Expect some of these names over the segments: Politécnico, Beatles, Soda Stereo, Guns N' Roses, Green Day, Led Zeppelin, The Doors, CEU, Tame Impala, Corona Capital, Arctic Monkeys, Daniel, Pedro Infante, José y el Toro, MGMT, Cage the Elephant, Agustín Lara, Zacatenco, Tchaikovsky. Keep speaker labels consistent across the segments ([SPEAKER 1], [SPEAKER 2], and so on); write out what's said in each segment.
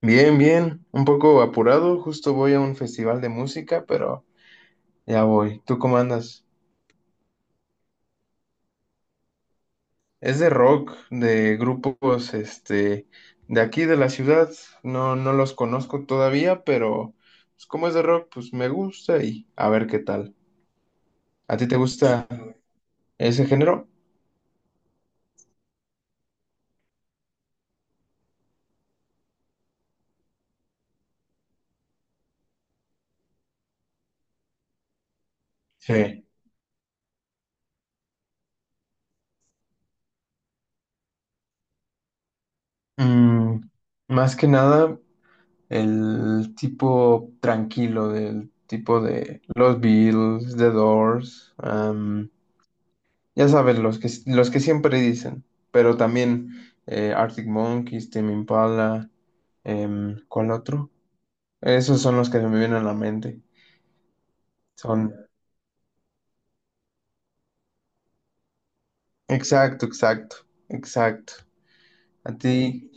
[SPEAKER 1] Bien, bien, un poco apurado, justo voy a un festival de música, pero ya voy. ¿Tú cómo andas? Es de rock, de grupos, de aquí de la ciudad. No, no los conozco todavía, pero pues, como es de rock, pues me gusta y a ver qué tal. ¿A ti te gusta ese género? Sí. Mm, más que nada, el tipo tranquilo, del tipo de los Beatles, The Doors, ya sabes, los que siempre dicen, pero también Arctic Monkeys, Tame Impala, ¿cuál otro? Esos son los que se me vienen a la mente. Son, exacto, exacto, exacto. A ti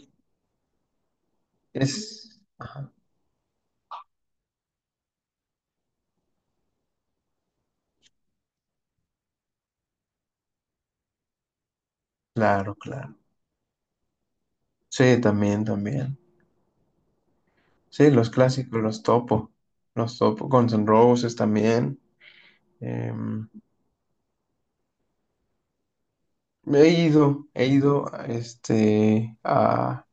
[SPEAKER 1] es, claro, claro. Sí, también, también. Sí, los clásicos, los topo, los topo. Guns N' Roses también. em, he ido, a,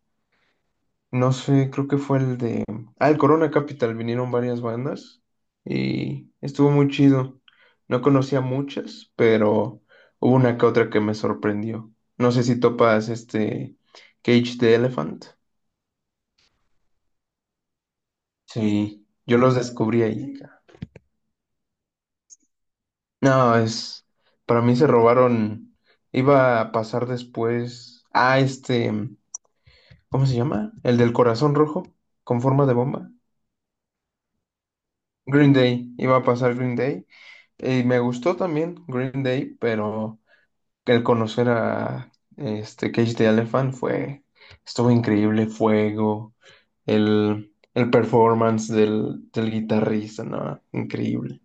[SPEAKER 1] no sé, creo que fue el de. Ah, el Corona Capital, vinieron varias bandas y estuvo muy chido. No conocía muchas, pero hubo una que otra que me sorprendió. No sé si topas este Cage the Elephant. Sí, yo los descubrí ahí. No, es. Para mí se robaron. Iba a pasar después a este. ¿Cómo se llama? El del corazón rojo con forma de bomba. Green Day. Iba a pasar Green Day. Y me gustó también Green Day, pero el conocer a este Cage the Elephant fue, estuvo increíble, fuego, el performance del guitarrista, ¿no? Increíble.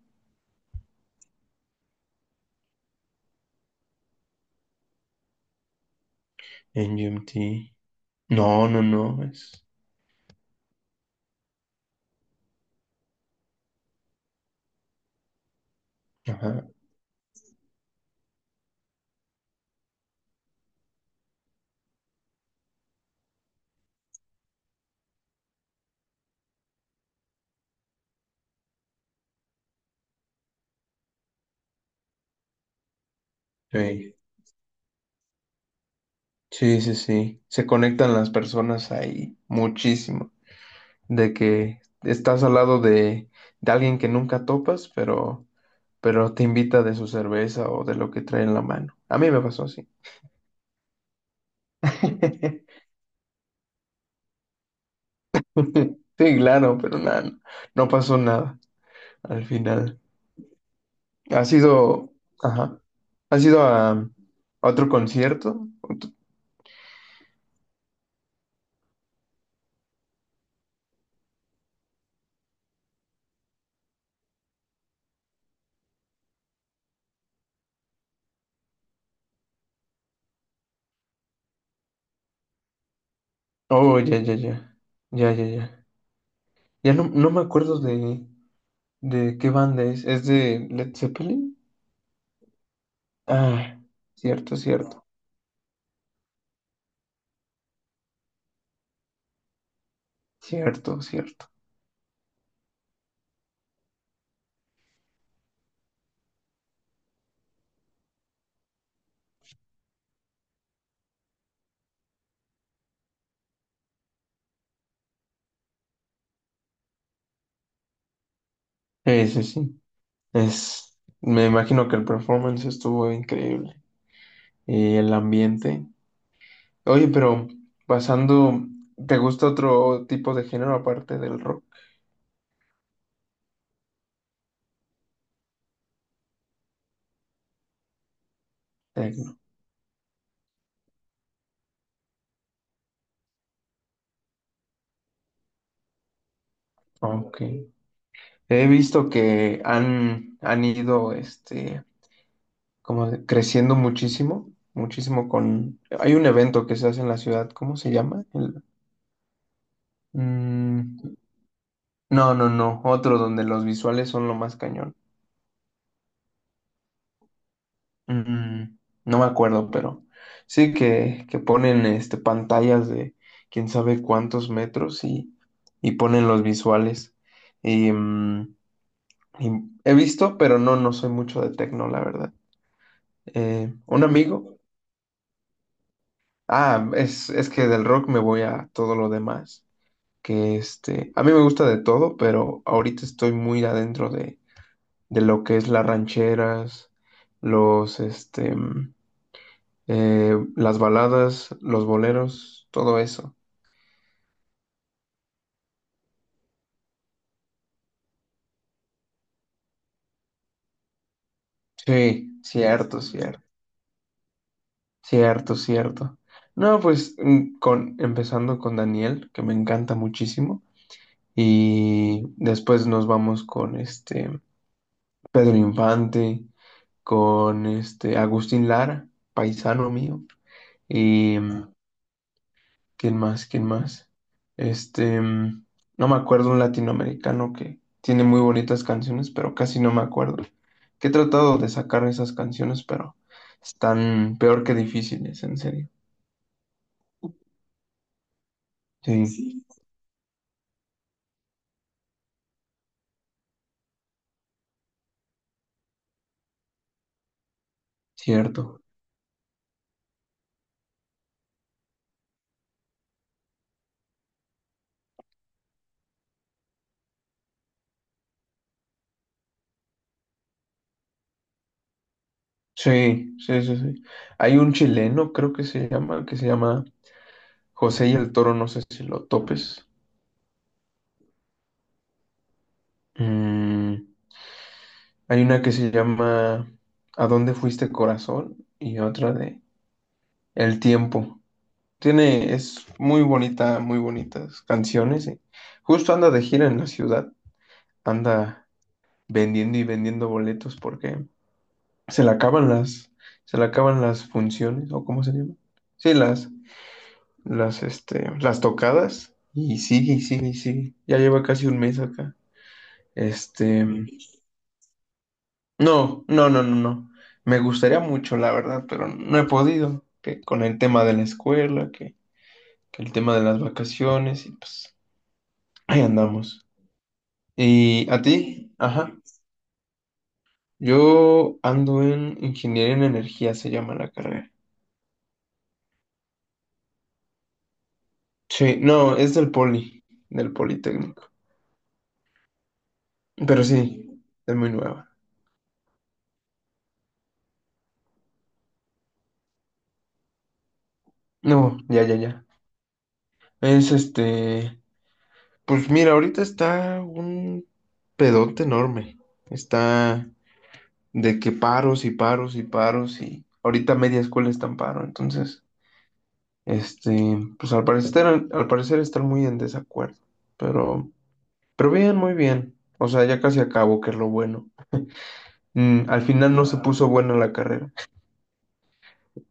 [SPEAKER 1] MGMT. No, no, no, es. Ajá. Sí. Sí, sí, sí. Se conectan las personas ahí muchísimo. De que estás al lado de alguien que nunca topas, pero te invita de su cerveza o de lo que trae en la mano. A mí me pasó así. Sí, claro, pero nada, no pasó nada al final. ¿Has ido, ajá, has ido a otro concierto? Oh, ya, ya, ya, ya, ya, ya. Ya no me acuerdo de qué banda es. ¿Es de Led Zeppelin? Ah, cierto, cierto, cierto, cierto. Ese sí, sí. es, me imagino que el performance estuvo increíble y el ambiente. Oye, pero pasando, ¿te gusta otro tipo de género aparte del rock? Tecno. OK. He visto que han ido como creciendo muchísimo, muchísimo con. Hay un evento que se hace en la ciudad, ¿cómo se llama? Mm, no, no, no, otro donde los visuales son lo más cañón. Mm, no me acuerdo, pero sí que ponen pantallas de quién sabe cuántos metros y, ponen los visuales. Y, mm, y he visto, pero no soy mucho de tecno, la verdad. Un amigo, ah, es que del rock me voy a todo lo demás, que a mí me gusta de todo, pero ahorita estoy muy adentro de lo que es las rancheras, los, este... mm, las baladas, los boleros, todo eso. Sí, cierto, cierto, cierto, cierto. No, pues empezando con Daniel, que me encanta muchísimo, y después nos vamos con este Pedro Infante, con este Agustín Lara, paisano mío, y ¿quién más? ¿Quién más? Este, mm, no me acuerdo un latinoamericano que tiene muy bonitas canciones, pero casi no me acuerdo. Que he tratado de sacar esas canciones, pero están peor que difíciles, en serio. Sí, sí. Cierto. Sí, sí, sí, sí. Hay un chileno, creo que se llama, José y el Toro, no sé si lo topes. Mm, hay una que se llama ¿A dónde fuiste, corazón? Y otra de El tiempo. Es muy bonita, muy bonitas canciones. Justo anda de gira en la ciudad, anda vendiendo y vendiendo boletos porque se le acaban se le acaban las funciones, o cómo se llama. Sí, las tocadas, y sigue, y sigue, y sigue. Ya lleva casi un mes acá. Este, no, no, no, no, no. Me gustaría mucho, la verdad, pero no he podido. Que con el tema de la escuela, que el tema de las vacaciones, y pues ahí andamos. ¿Y a ti? Ajá. Yo ando en ingeniería en energía, se llama la carrera. Sí, no, es del poli, del Politécnico. Pero sí, es muy nueva. No, ya, ya, ya. Es este, pues mira, ahorita está un pedote enorme. Está de que paros y paros y paros y ahorita media escuela está en paro. Entonces, este, pues al parecer están muy en desacuerdo. Pero Pero bien, muy bien. O sea, ya casi acabo, que es lo bueno. Al final no se puso buena la carrera.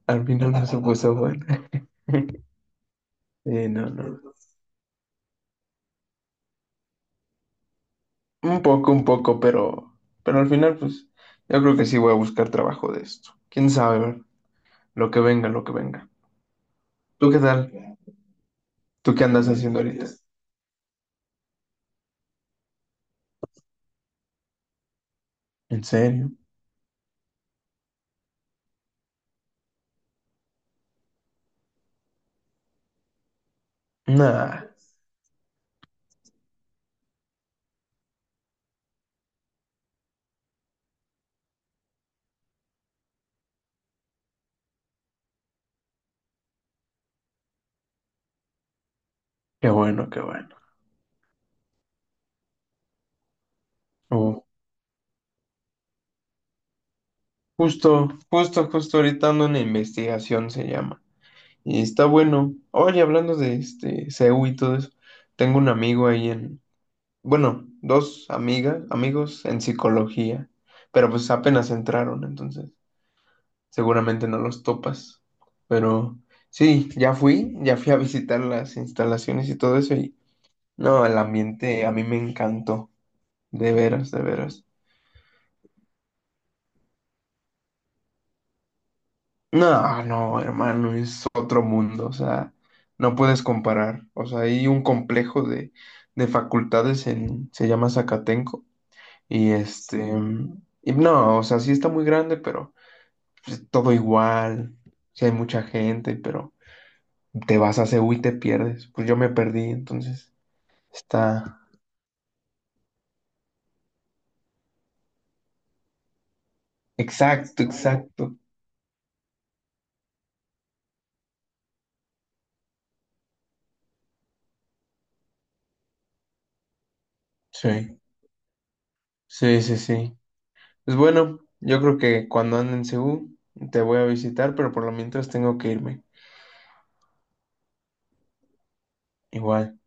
[SPEAKER 1] Al final no se puso buena. No, no. No. Un poco, pero al final, pues, yo creo que sí voy a buscar trabajo de esto. Quién sabe, ¿verdad? Lo que venga, lo que venga. ¿Tú qué tal? ¿Tú qué andas haciendo ahorita? ¿En serio? Nah, qué bueno, qué bueno. Oh, justo, justo, justo ahorita ando en investigación, se llama. Y está bueno. Oye, hablando de este CEU y todo eso, tengo un amigo ahí en, bueno, dos amigas, amigos en psicología, pero pues apenas entraron, entonces seguramente no los topas. Pero sí, ya fui a visitar las instalaciones y todo eso y no, el ambiente a mí me encantó, de veras, de veras. No, no, hermano, es otro mundo, o sea, no puedes comparar. O sea, hay un complejo de facultades en, se llama Zacatenco, y este, y no, o sea, sí está muy grande, pero pues, todo igual, sí hay mucha gente, pero te vas a Ceú y te pierdes. Pues yo me perdí, entonces está exacto, exacto. Sí, sí, sí, sí. Pues bueno, yo creo que cuando ande en Ceú te voy a visitar, pero por lo mientras tengo que irme. Igual.